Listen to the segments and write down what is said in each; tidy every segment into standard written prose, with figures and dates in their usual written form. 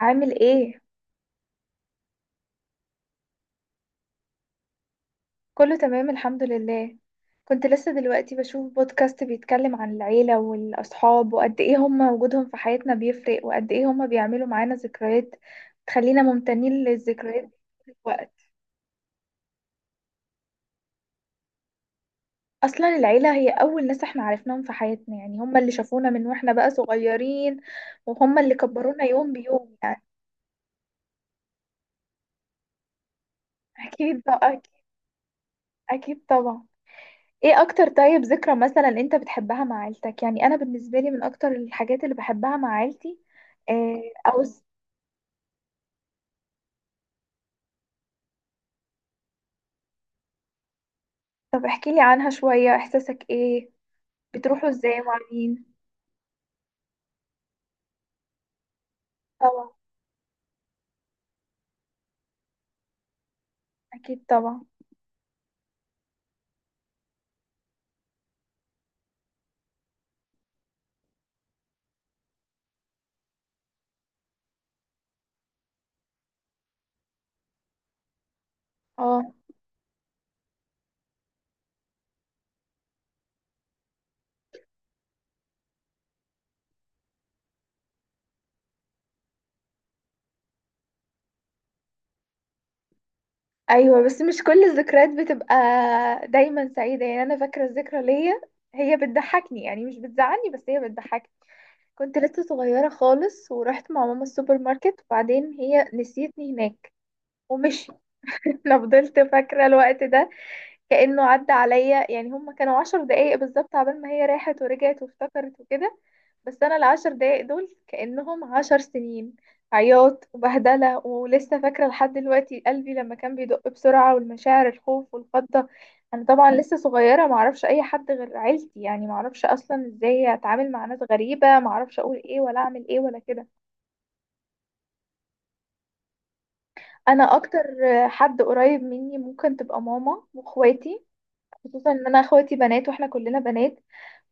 عامل ايه؟ كله تمام الحمد لله. كنت لسه دلوقتي بشوف بودكاست بيتكلم عن العيلة والأصحاب وقد ايه هما وجودهم في حياتنا بيفرق، وقد ايه هما بيعملوا معانا ذكريات تخلينا ممتنين للذكريات دي الوقت. أصلا العيلة هي أول ناس احنا عرفناهم في حياتنا، يعني هما اللي شافونا من واحنا بقى صغيرين، وهما اللي كبرونا يوم بيوم يعني. أكيد بقى، أكيد، أكيد طبعا. ايه اكتر طيب ذكرى مثلا انت بتحبها مع عيلتك؟ يعني انا بالنسبه لي من اكتر الحاجات اللي بحبها مع عيلتي إيه؟ او س- طب احكي لي عنها شويه، احساسك ايه؟ بتروحوا ازاي؟ مع مين؟ طبعا. اكيد طبعا. اه، ايوه بس مش كل الذكريات بتبقى دايما سعيده. يعني انا فاكره الذكرى ليا، هي بتضحكني يعني، مش بتزعلني بس هي بتضحكني. كنت لسه صغيره خالص ورحت مع ماما السوبر ماركت، وبعدين هي نسيتني هناك ومشيت. انا فضلت فاكرة الوقت ده كأنه عدى عليا، يعني هما كانوا 10 دقايق بالظبط عبال ما هي راحت ورجعت وافتكرت وكده، بس انا ال10 دقايق دول كأنهم 10 سنين. عياط وبهدلة، ولسه فاكرة لحد دلوقتي قلبي لما كان بيدق بسرعة، والمشاعر، الخوف والفضة. انا طبعا لسه صغيرة، معرفش اي حد غير عيلتي، يعني معرفش اصلا ازاي اتعامل مع ناس غريبة، معرفش اقول ايه ولا اعمل ايه ولا كده. انا اكتر حد قريب مني ممكن تبقى ماما واخواتي، خصوصا ان انا اخواتي بنات واحنا كلنا بنات،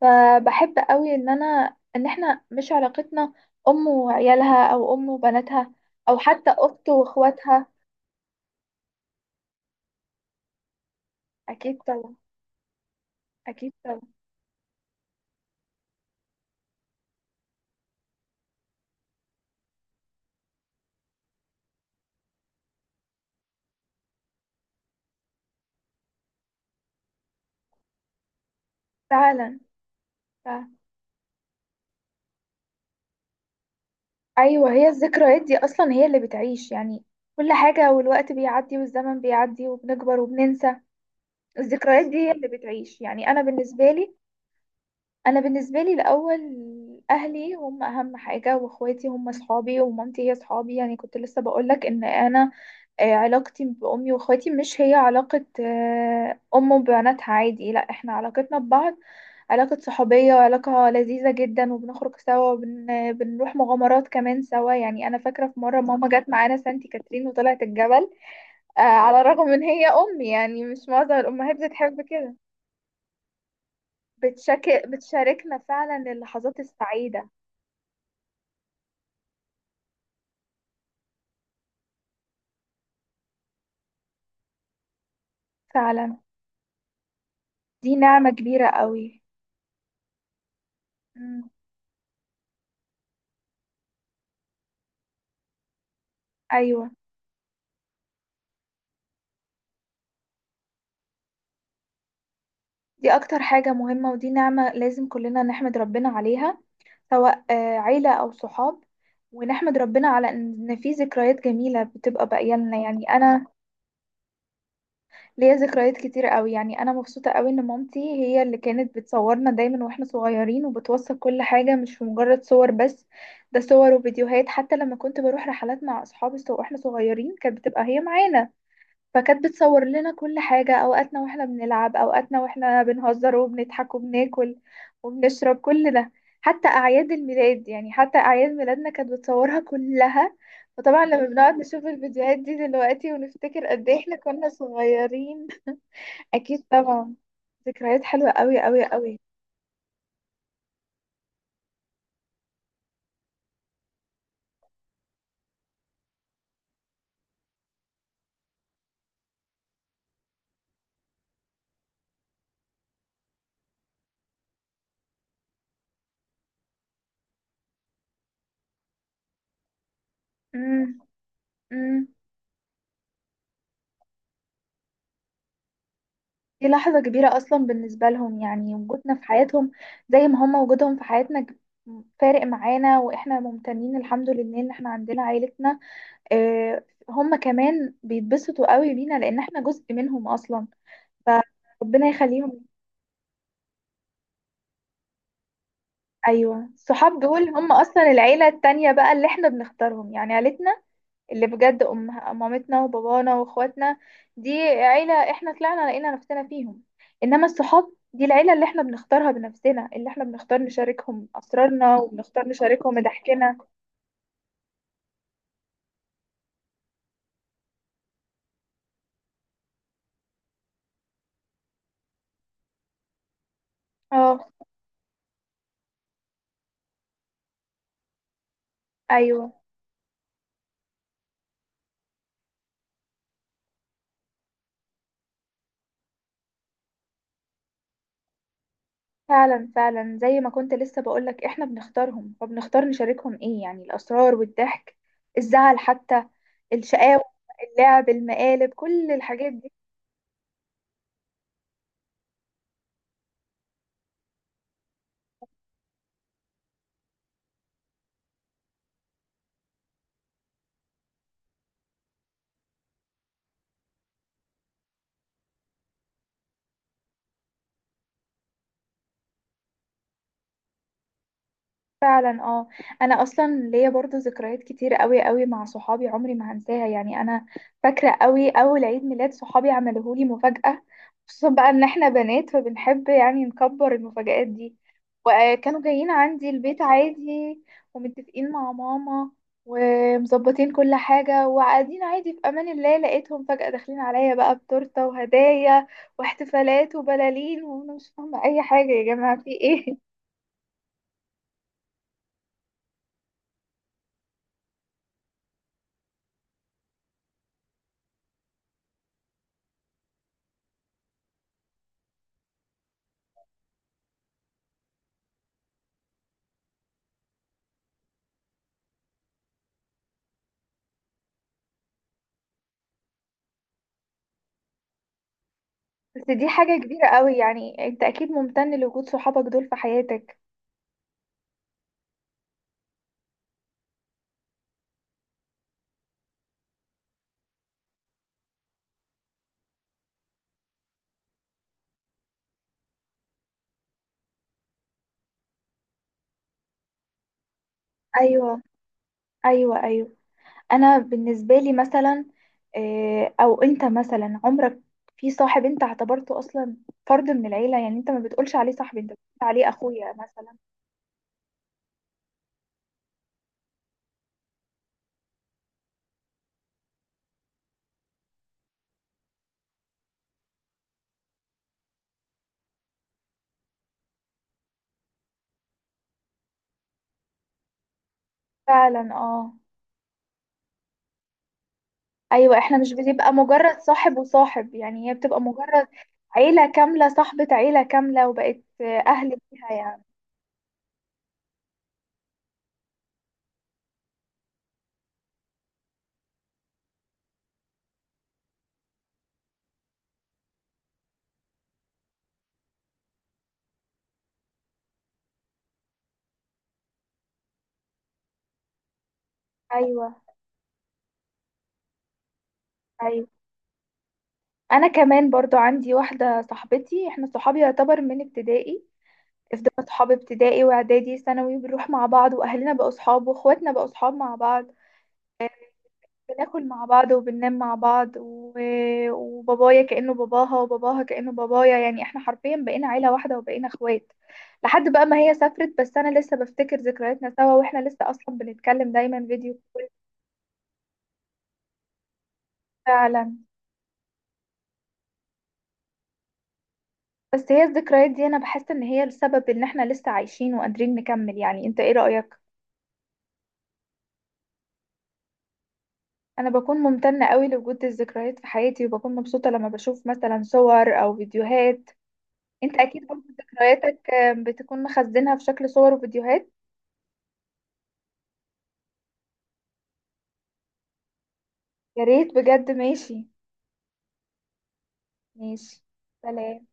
فبحب قوي ان انا، ان احنا مش علاقتنا ام وعيالها او ام وبناتها، او حتى اخت واخواتها. اكيد طبعا. اكيد طبعا. فعلا. ف... ايوه، هي الذكريات دي اصلا هي اللي بتعيش يعني. كل حاجة، والوقت بيعدي والزمن بيعدي وبنكبر وبننسى. الذكريات دي هي اللي بتعيش يعني. انا بالنسبة لي، انا بالنسبة لي الاول اهلي هم اهم حاجة، واخواتي هم اصحابي، ومامتي هي اصحابي. يعني كنت لسه بقولك ان انا، علاقتي بأمي وأخواتي مش هي علاقة أم وبناتها عادي، لا احنا علاقتنا ببعض علاقة صحوبية وعلاقة لذيذة جدا، وبنخرج سوا وبنروح مغامرات كمان سوا. يعني أنا فاكرة في مرة ماما جت معانا سانتي كاترين وطلعت الجبل، على الرغم من هي أمي، يعني مش معظم الأمهات بتحب كده. بتشاركنا فعلا اللحظات السعيدة. فعلا. دي نعمة كبيرة قوي. مم. أيوة، دي أكتر حاجة مهمة، ودي نعمة لازم كلنا نحمد ربنا عليها، سواء عيلة أو صحاب. ونحمد ربنا على إن في ذكريات جميلة بتبقى باقية لنا، يعني أنا ليا ذكريات كتير قوي. يعني أنا مبسوطة قوي إن مامتي هي اللي كانت بتصورنا دايما وإحنا صغيرين، وبتوثق كل حاجة مش مجرد صور بس، ده صور وفيديوهات. حتى لما كنت بروح رحلات مع أصحابي وإحنا صغيرين كانت بتبقى هي معانا، فكانت بتصور لنا كل حاجة، أوقاتنا وإحنا بنلعب، أوقاتنا وإحنا بنهزر وبنضحك وبناكل وبنشرب، كل ده. حتى أعياد الميلاد، يعني حتى أعياد ميلادنا كانت بتصورها كلها. وطبعا لما بنقعد نشوف الفيديوهات دي دلوقتي ونفتكر قد إيه إحنا كنا صغيرين. أكيد طبعا. ذكريات حلوة أوي أوي أوي. أمم، أمم. دي لحظة كبيرة أصلا بالنسبة لهم، يعني وجودنا في حياتهم زي ما هم وجودهم في حياتنا فارق معانا. وإحنا ممتنين الحمد لله إن إحنا عندنا عائلتنا. هم كمان بيتبسطوا قوي بينا لأن إحنا جزء منهم أصلا، فربنا يخليهم. أيوة، الصحاب دول هم أصلا العيلة التانية بقى اللي إحنا بنختارهم. يعني عيلتنا اللي بجد أم مامتنا وبابانا واخواتنا، دي عيلة احنا طلعنا لقينا نفسنا فيهم. انما الصحاب دي العيلة اللي احنا بنختارها بنفسنا، اللي احنا بنختار نشاركهم اسرارنا وبنختار نشاركهم ضحكنا. اه. ايوه فعلا، فعلا زي ما كنت لسه بقولك احنا بنختارهم، فبنختار نشاركهم ايه يعني، الاسرار والضحك، الزعل حتى، الشقاوة، اللعب، المقالب، كل الحاجات دي. فعلا اه. انا اصلا ليا برضو ذكريات كتير قوي قوي مع صحابي عمري ما هنساها، يعني انا فاكره قوي اول عيد ميلاد صحابي عملوه لي مفاجاه، خصوصا بقى ان احنا بنات فبنحب يعني نكبر المفاجآت دي. وكانوا جايين عندي البيت عادي، ومتفقين مع ماما، ومظبطين كل حاجه، وقاعدين عادي في امان الله، لقيتهم فجاه داخلين عليا بقى بتورته وهدايا واحتفالات وبلالين، وانا مش فاهمه اي حاجه، يا جماعه في ايه؟ بس دي حاجة كبيرة قوي، يعني انت اكيد ممتن لوجود صحابك دول في حياتك. ايوه، ايوه، ايوه. انا بالنسبة لي مثلا، او انت مثلا عمرك في صاحب انت اعتبرته اصلا فرد من العيلة، يعني انت ما بتقولش عليه صاحبي، انت بتقول عليه اخويا مثلا. فعلا اه. ايوه احنا مش بتبقى مجرد صاحب وصاحب، يعني هي بتبقى مجرد عيلة كاملة، صاحبة عيلة كاملة، وبقت اهل ليها يعني. ايوه، ايوه. انا كمان برضو عندي واحده صاحبتي، احنا صحابي يعتبر من ابتدائي، فضلنا صحاب ابتدائي واعدادي ثانوي، بنروح مع بعض، واهلنا بقوا صحاب، واخواتنا بقوا صحاب مع بعض، بناكل مع بعض وبننام مع بعض. وبابايا كانه باباها، وباباها كانه بابايا، يعني احنا حرفيا بقينا عيله واحده، وبقينا اخوات لحد بقى ما هي سافرت. بس انا لسه بفتكر ذكرياتنا سوا، واحنا لسه اصلا بنتكلم دايما فيديو. فعلا. بس هي الذكريات دي انا بحس ان هي السبب ان احنا لسه عايشين وقادرين نكمل، يعني انت ايه رايك؟ انا بكون ممتنة قوي لوجود الذكريات في حياتي، وبكون مبسوطة لما بشوف مثلا صور او فيديوهات. انت اكيد برضه ذكرياتك بتكون مخزنها في شكل صور وفيديوهات. يا ريت بجد، ماشي. ماشي. سلام.